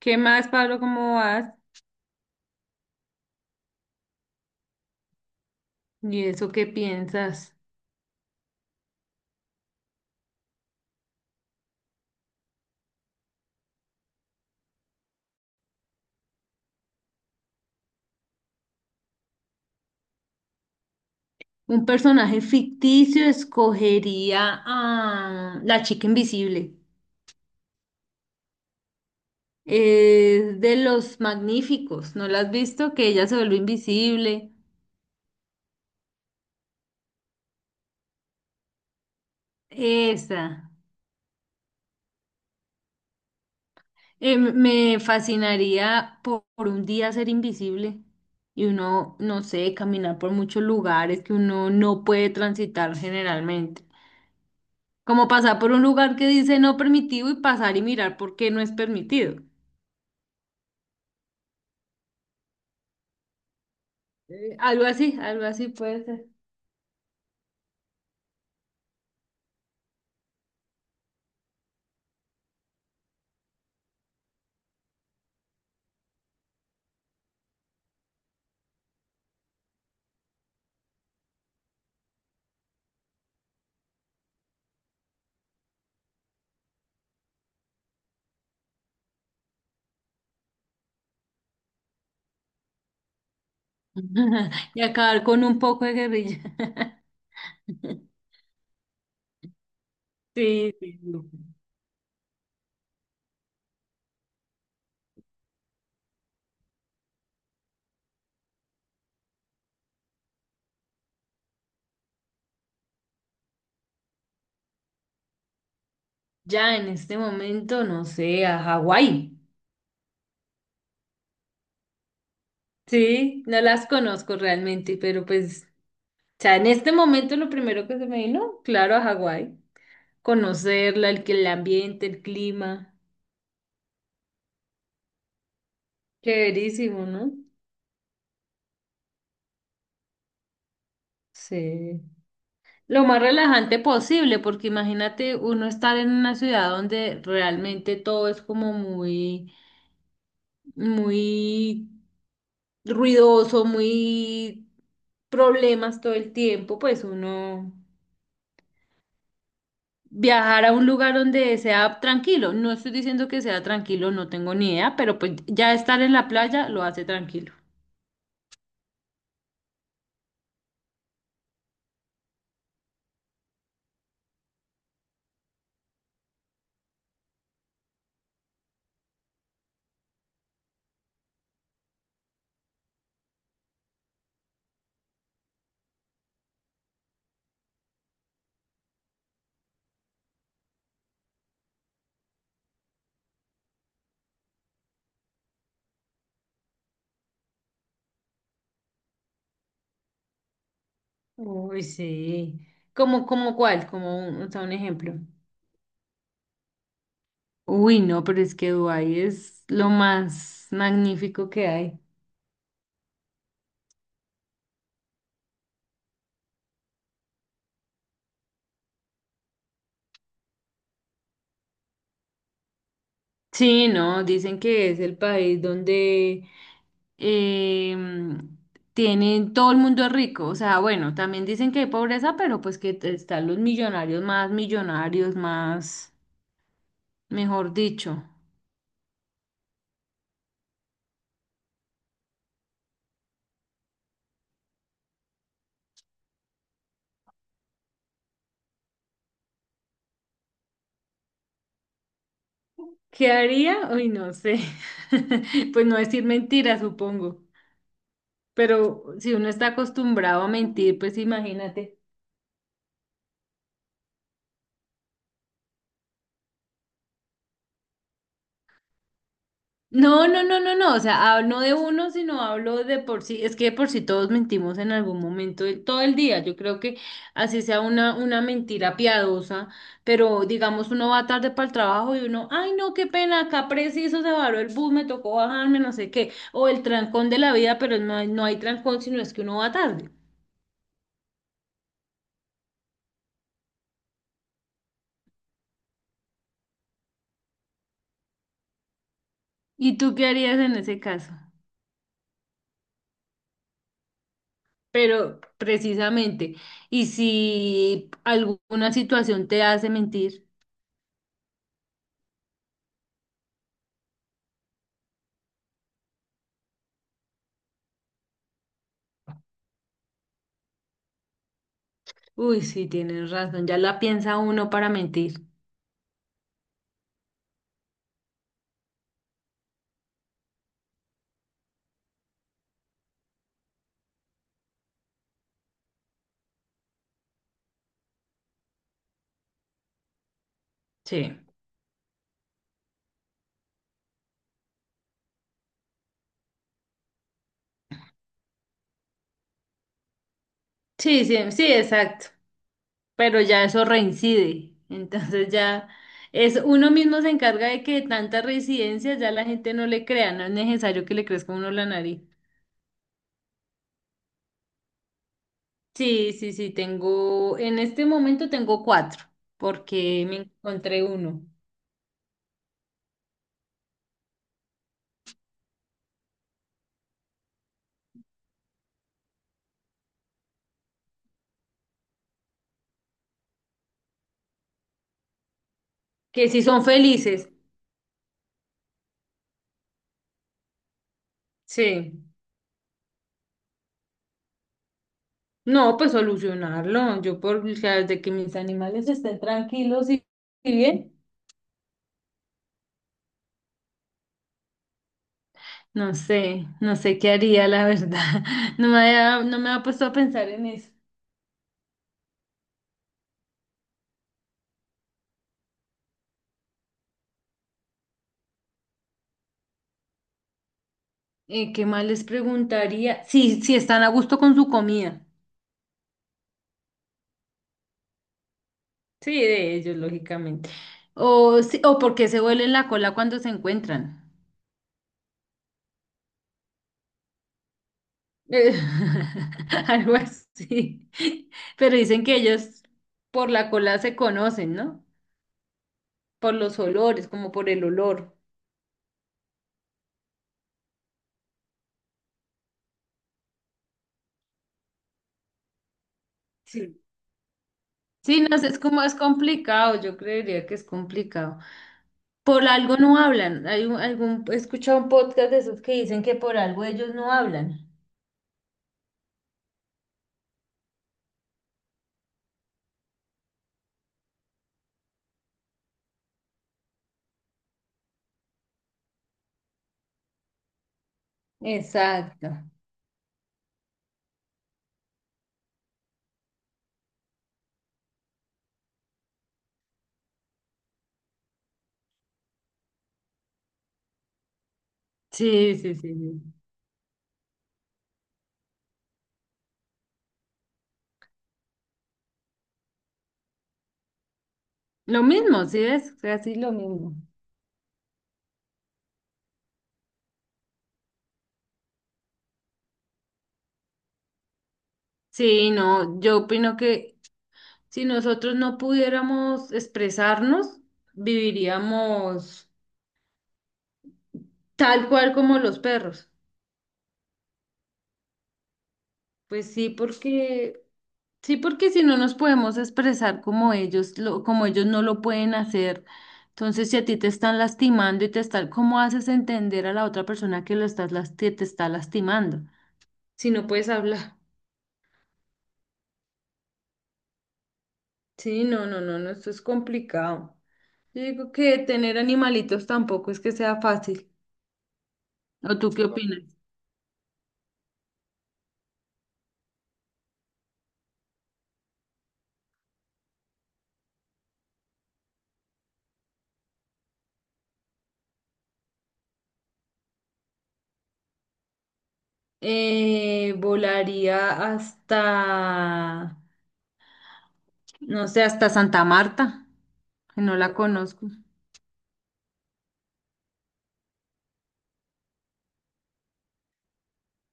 ¿Qué más, Pablo? ¿Cómo vas? ¿Y eso qué piensas? Un personaje ficticio escogería a la chica invisible. Es de los magníficos. ¿No la has visto? Que ella se vuelve invisible. Esa. Me fascinaría por un día ser invisible y uno, no sé, caminar por muchos lugares que uno no puede transitar generalmente. Como pasar por un lugar que dice no permitido y pasar y mirar por qué no es permitido. Algo así puede ser. Y acabar con un poco de guerrilla. Sí, sí, no. Ya en este momento, no sé, a Hawái. Sí, no las conozco realmente, pero pues, o sea, en este momento lo primero que se me vino, claro, a Hawái. Conocerla, el, el ambiente, el clima. Chéverísimo, ¿no? Sí. Lo más relajante posible, porque imagínate uno estar en una ciudad donde realmente todo es como muy ruidoso, muy problemas todo el tiempo, pues uno viajar a un lugar donde sea tranquilo. No estoy diciendo que sea tranquilo, no tengo ni idea, pero pues ya estar en la playa lo hace tranquilo. Uy, sí. ¿Como como cuál? Como un, o sea, un ejemplo. Uy, no, pero es que Dubái es lo más magnífico que hay. Sí, no, dicen que es el país donde em, tienen, todo el mundo es rico, o sea, bueno, también dicen que hay pobreza, pero pues que están los millonarios, más, mejor dicho. ¿Qué haría? Uy, no sé. Pues no decir mentiras, supongo. Pero si uno está acostumbrado a mentir, pues imagínate. No, no, no, no, no, o sea, no de uno, sino hablo de por sí, es que de por sí todos mentimos en algún momento, todo el día, yo creo que así sea una mentira piadosa, pero digamos uno va tarde para el trabajo y uno, ay no, qué pena, acá preciso se varó el bus, me tocó bajarme, no sé qué, o el trancón de la vida, pero no hay, no hay trancón, sino es que uno va tarde. ¿Y tú qué harías en ese caso? Pero precisamente, ¿y si alguna situación te hace mentir? Uy, sí, tienes razón, ya la piensa uno para mentir. Sí, sí, sí, sí, exacto, pero ya eso reincide, entonces ya es uno mismo se encarga de que tanta reincidencia ya la gente no le crea, no es necesario que le crezca a uno la nariz. Sí, sí, sí, tengo, en este momento tengo cuatro, porque me encontré uno, que si son felices, sí. No, pues solucionarlo, yo por, o sea, de que mis animales estén tranquilos y bien. No sé, no sé qué haría, la verdad. No me había, no me había puesto a pensar en eso. ¿Qué más les preguntaría? Sí, si están a gusto con su comida. Sí, de ellos, lógicamente. O, sí, o porque se huelen la cola cuando se encuentran. Eh, algo así. Pero dicen que ellos por la cola se conocen, ¿no? Por los olores, como por el olor. Sí. Sí, no sé, es como es complicado, yo creería que es complicado. Por algo no hablan. Hay algún, he escuchado un podcast de esos que dicen que por algo ellos no hablan. Exacto. Sí, sí, sí, sí. Lo mismo, ¿sí ves? Casi lo mismo. Sí, no, yo opino que si nosotros no pudiéramos expresarnos, viviríamos tal cual como los perros. Pues sí, porque sí, porque si no nos podemos expresar como ellos, lo, como ellos no lo pueden hacer. Entonces, si a ti te están lastimando y te están, ¿cómo haces entender a la otra persona que lo estás, que te está lastimando? Si no puedes hablar. Sí, no, no, no, no, esto es complicado. Yo digo que tener animalitos tampoco es que sea fácil. ¿O tú qué opinas? Volaría hasta, no sé, hasta Santa Marta, que no la conozco.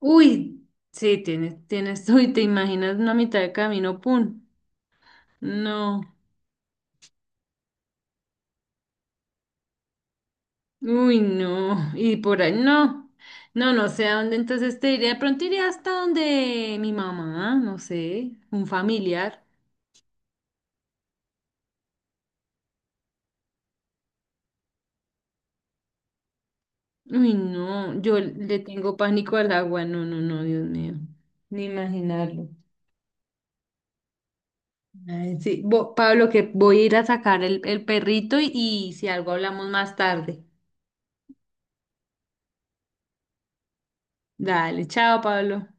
Uy, sí, tienes, tienes, uy, te imaginas una mitad de camino, pum. No, uy, no, y por ahí, no, no, no sé a dónde, entonces te iría, de pronto iría hasta donde mi mamá, no sé, un familiar. Uy, no, yo le tengo pánico al agua, no, no, no, Dios mío, ni imaginarlo. Ay, sí, Pablo, que voy a ir a sacar el perrito y si algo hablamos más tarde. Dale, chao, Pablo.